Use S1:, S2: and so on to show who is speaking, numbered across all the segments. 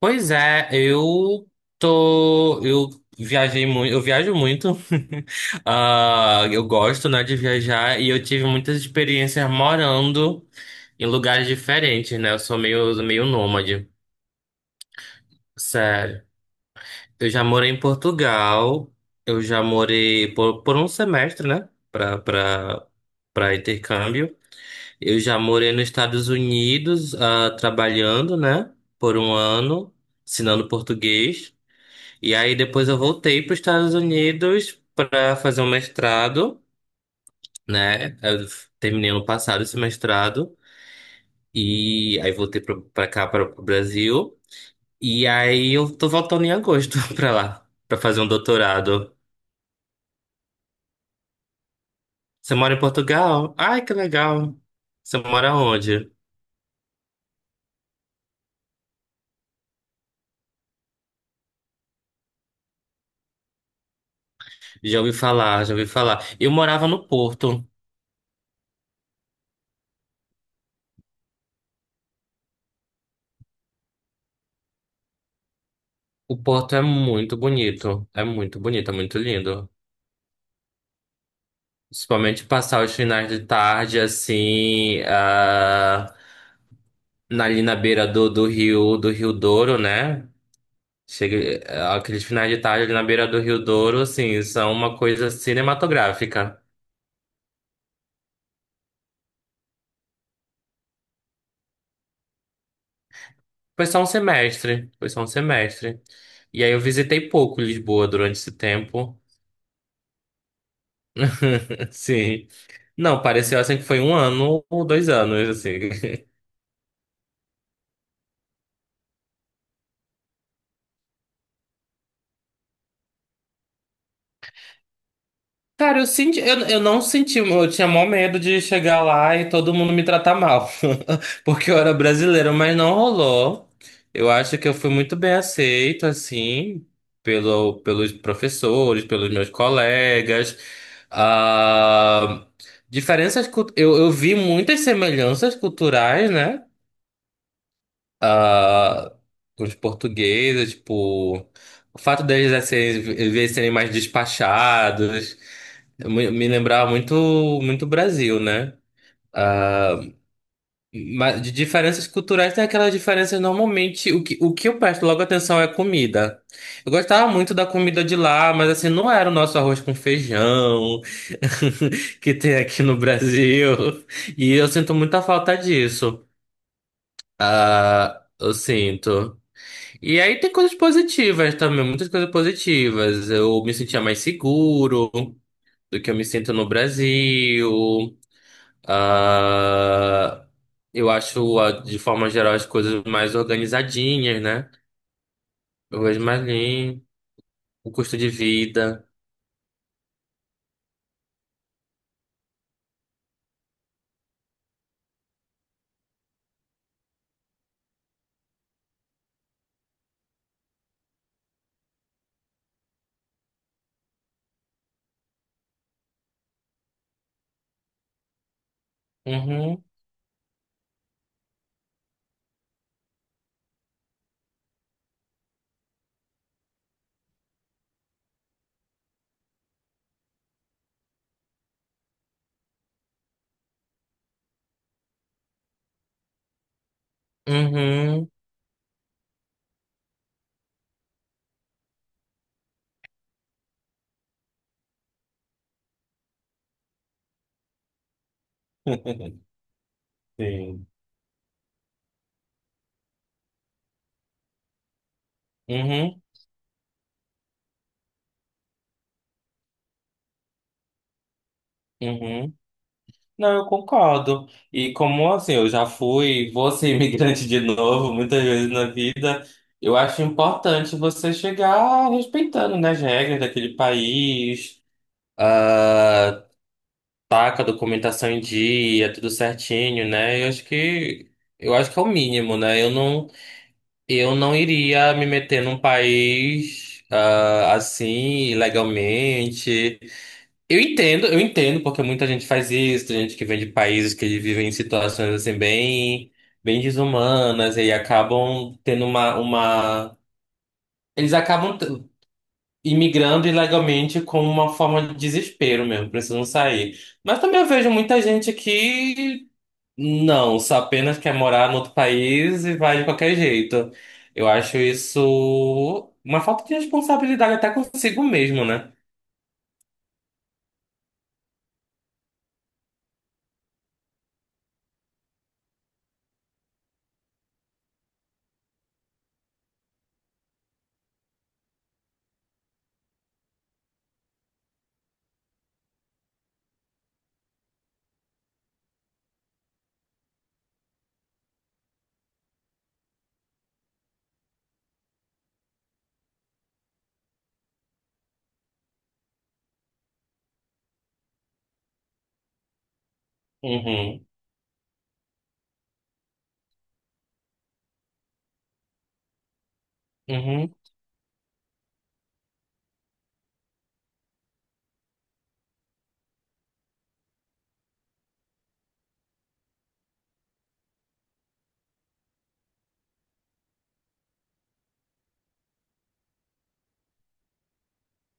S1: Pois é, eu tô. Eu viajei muito, eu viajo muito. Ah, eu gosto, né, de viajar e eu tive muitas experiências morando em lugares diferentes, né? Eu sou meio nômade, sério. Eu já morei em Portugal, eu já morei por um semestre, né? Pra intercâmbio. Eu já morei nos Estados Unidos, trabalhando, né? Por um ano, ensinando português. E aí depois eu voltei para os Estados Unidos para fazer um mestrado, né? Terminei ano passado esse mestrado e aí voltei para cá para o Brasil e aí eu tô voltando em agosto para lá para fazer um doutorado. Você mora em Portugal? Ai, que legal. Você mora onde? Já ouvi falar, já ouvi falar. Eu morava no Porto. O Porto é muito bonito, é muito bonito, é muito lindo. Principalmente passar os finais de tarde, assim, ali na beira do rio, do Rio Douro, né? Chega, ah, aqueles finais de tarde ali na beira do Rio Douro, assim, são uma coisa cinematográfica. Foi só um semestre, foi só um semestre. E aí eu visitei pouco Lisboa durante esse tempo, sim. Não, pareceu assim que foi um ano ou dois anos, assim. Cara, eu senti, eu não senti, eu tinha maior medo de chegar lá e todo mundo me tratar mal, porque eu era brasileiro, mas não rolou. Eu acho que eu fui muito bem aceito, assim, pelos professores, pelos meus colegas. Ah, eu vi muitas semelhanças culturais, né? Ah, os portugueses, tipo, o fato deles já serem, às vezes serem mais despachados, me lembrava muito, muito Brasil, né? Ah, mas de diferenças culturais tem aquelas diferenças normalmente. O que eu presto logo atenção é comida. Eu gostava muito da comida de lá, mas assim, não era o nosso arroz com feijão que tem aqui no Brasil. E eu sinto muita falta disso. Ah, eu sinto. E aí tem coisas positivas também, muitas coisas positivas. Eu me sentia mais seguro do que eu me sinto no Brasil. Ah, eu acho, ah, de forma geral, as coisas mais organizadinhas, né? Eu vejo mais limpo, o custo de vida. Uhum, uhum. Sim. Uhum, uhum. Não, eu concordo. E como assim, eu já fui, vou ser imigrante de novo muitas vezes na vida. Eu acho importante você chegar respeitando, né, as regras daquele país, ah, tá com a documentação em dia, tudo certinho, né? Eu acho que é o mínimo, né? Eu não iria me meter num país ah, assim ilegalmente. Eu entendo porque muita gente faz isso, tem gente que vem de países que eles vivem em situações assim bem bem desumanas e aí acabam tendo uma eles acabam. t- imigrando ilegalmente como uma forma de desespero mesmo, precisam sair. Mas também eu vejo muita gente que não, só apenas quer morar no outro país e vai de qualquer jeito. Eu acho isso uma falta de responsabilidade até consigo mesmo, né? Uhum, uhum,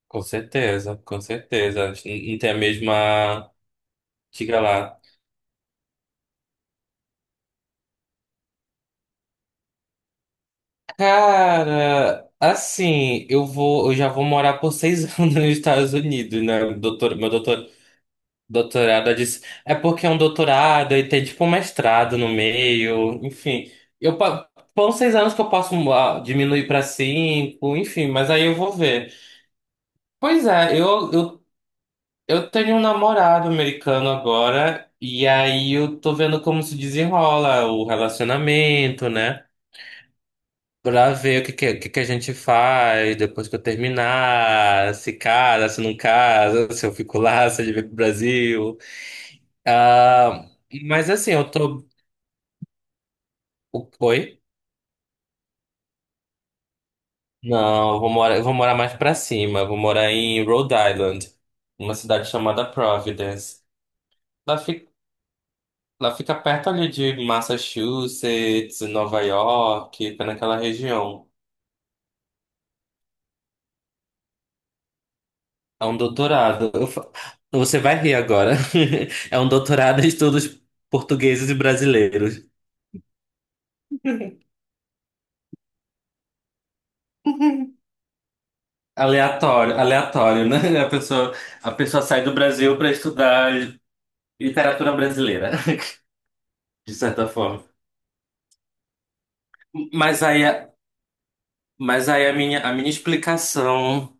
S1: com certeza, com certeza. A gente não tem a mesma. Diga lá. Cara, assim, eu já vou morar por seis anos nos Estados Unidos, né? Doutorado, eu disse, é porque é um doutorado e tem tipo um mestrado no meio, enfim. Eu pa- Foram seis anos que eu posso ah, diminuir para cinco, enfim, mas aí eu vou ver. Pois é, eu tenho um namorado americano agora, e aí eu tô vendo como se desenrola o relacionamento, né? Pra ver o que que a gente faz depois que eu terminar, se casa, se não casa, se eu fico lá, se ele vem pro Brasil. Ah, mas assim, eu tô. Oi? Não, eu vou morar mais pra cima. Eu vou morar em Rhode Island, uma cidade chamada Providence. Lá fica, lá fica perto ali de Massachusetts, Nova York, fica naquela região. É um doutorado. Você vai rir agora. É um doutorado em estudos portugueses e brasileiros. Aleatório, aleatório, né? A pessoa sai do Brasil para estudar literatura brasileira. De certa forma. Mas aí, a- mas aí a minha explicação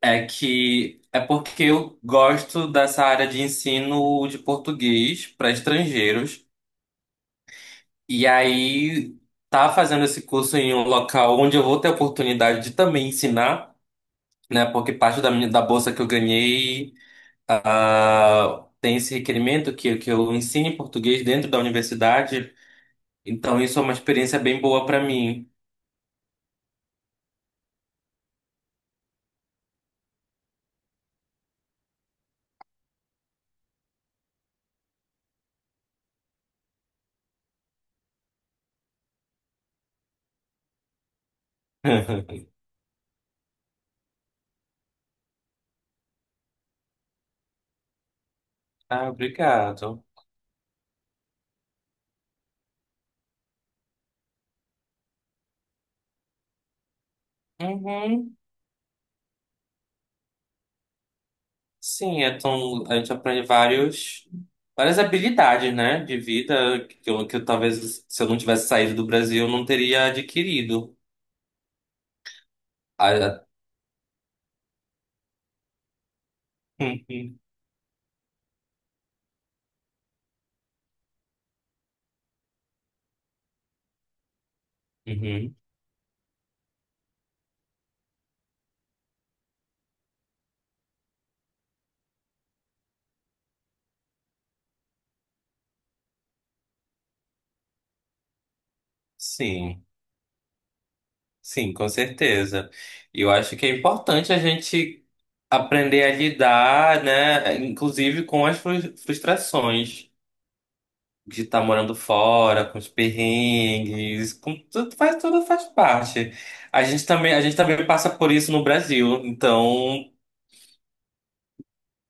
S1: é que é porque eu gosto dessa área de ensino de português para estrangeiros. E aí tá fazendo esse curso em um local onde eu vou ter a oportunidade de também ensinar, né? Porque parte da bolsa que eu ganhei, ah, tem esse requerimento que eu ensine português dentro da universidade. Então isso é uma experiência bem boa para mim. Ah, obrigado. Uhum. Sim, então a gente aprende vários, várias habilidades, né, de vida que eu talvez se eu não tivesse saído do Brasil eu não teria adquirido. Ah, uhum. Uhum. Sim, sim, com certeza. E eu acho que é importante a gente aprender a lidar, né, inclusive com as frustrações. De estar morando fora, com os perrengues, com tudo, faz parte. A gente também passa por isso no Brasil, então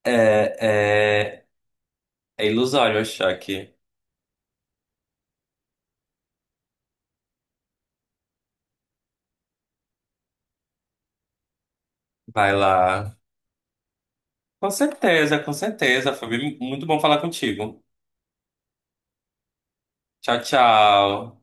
S1: é, é, é ilusório achar que vai lá. Com certeza, Fabi, muito bom falar contigo. Tchau, tchau.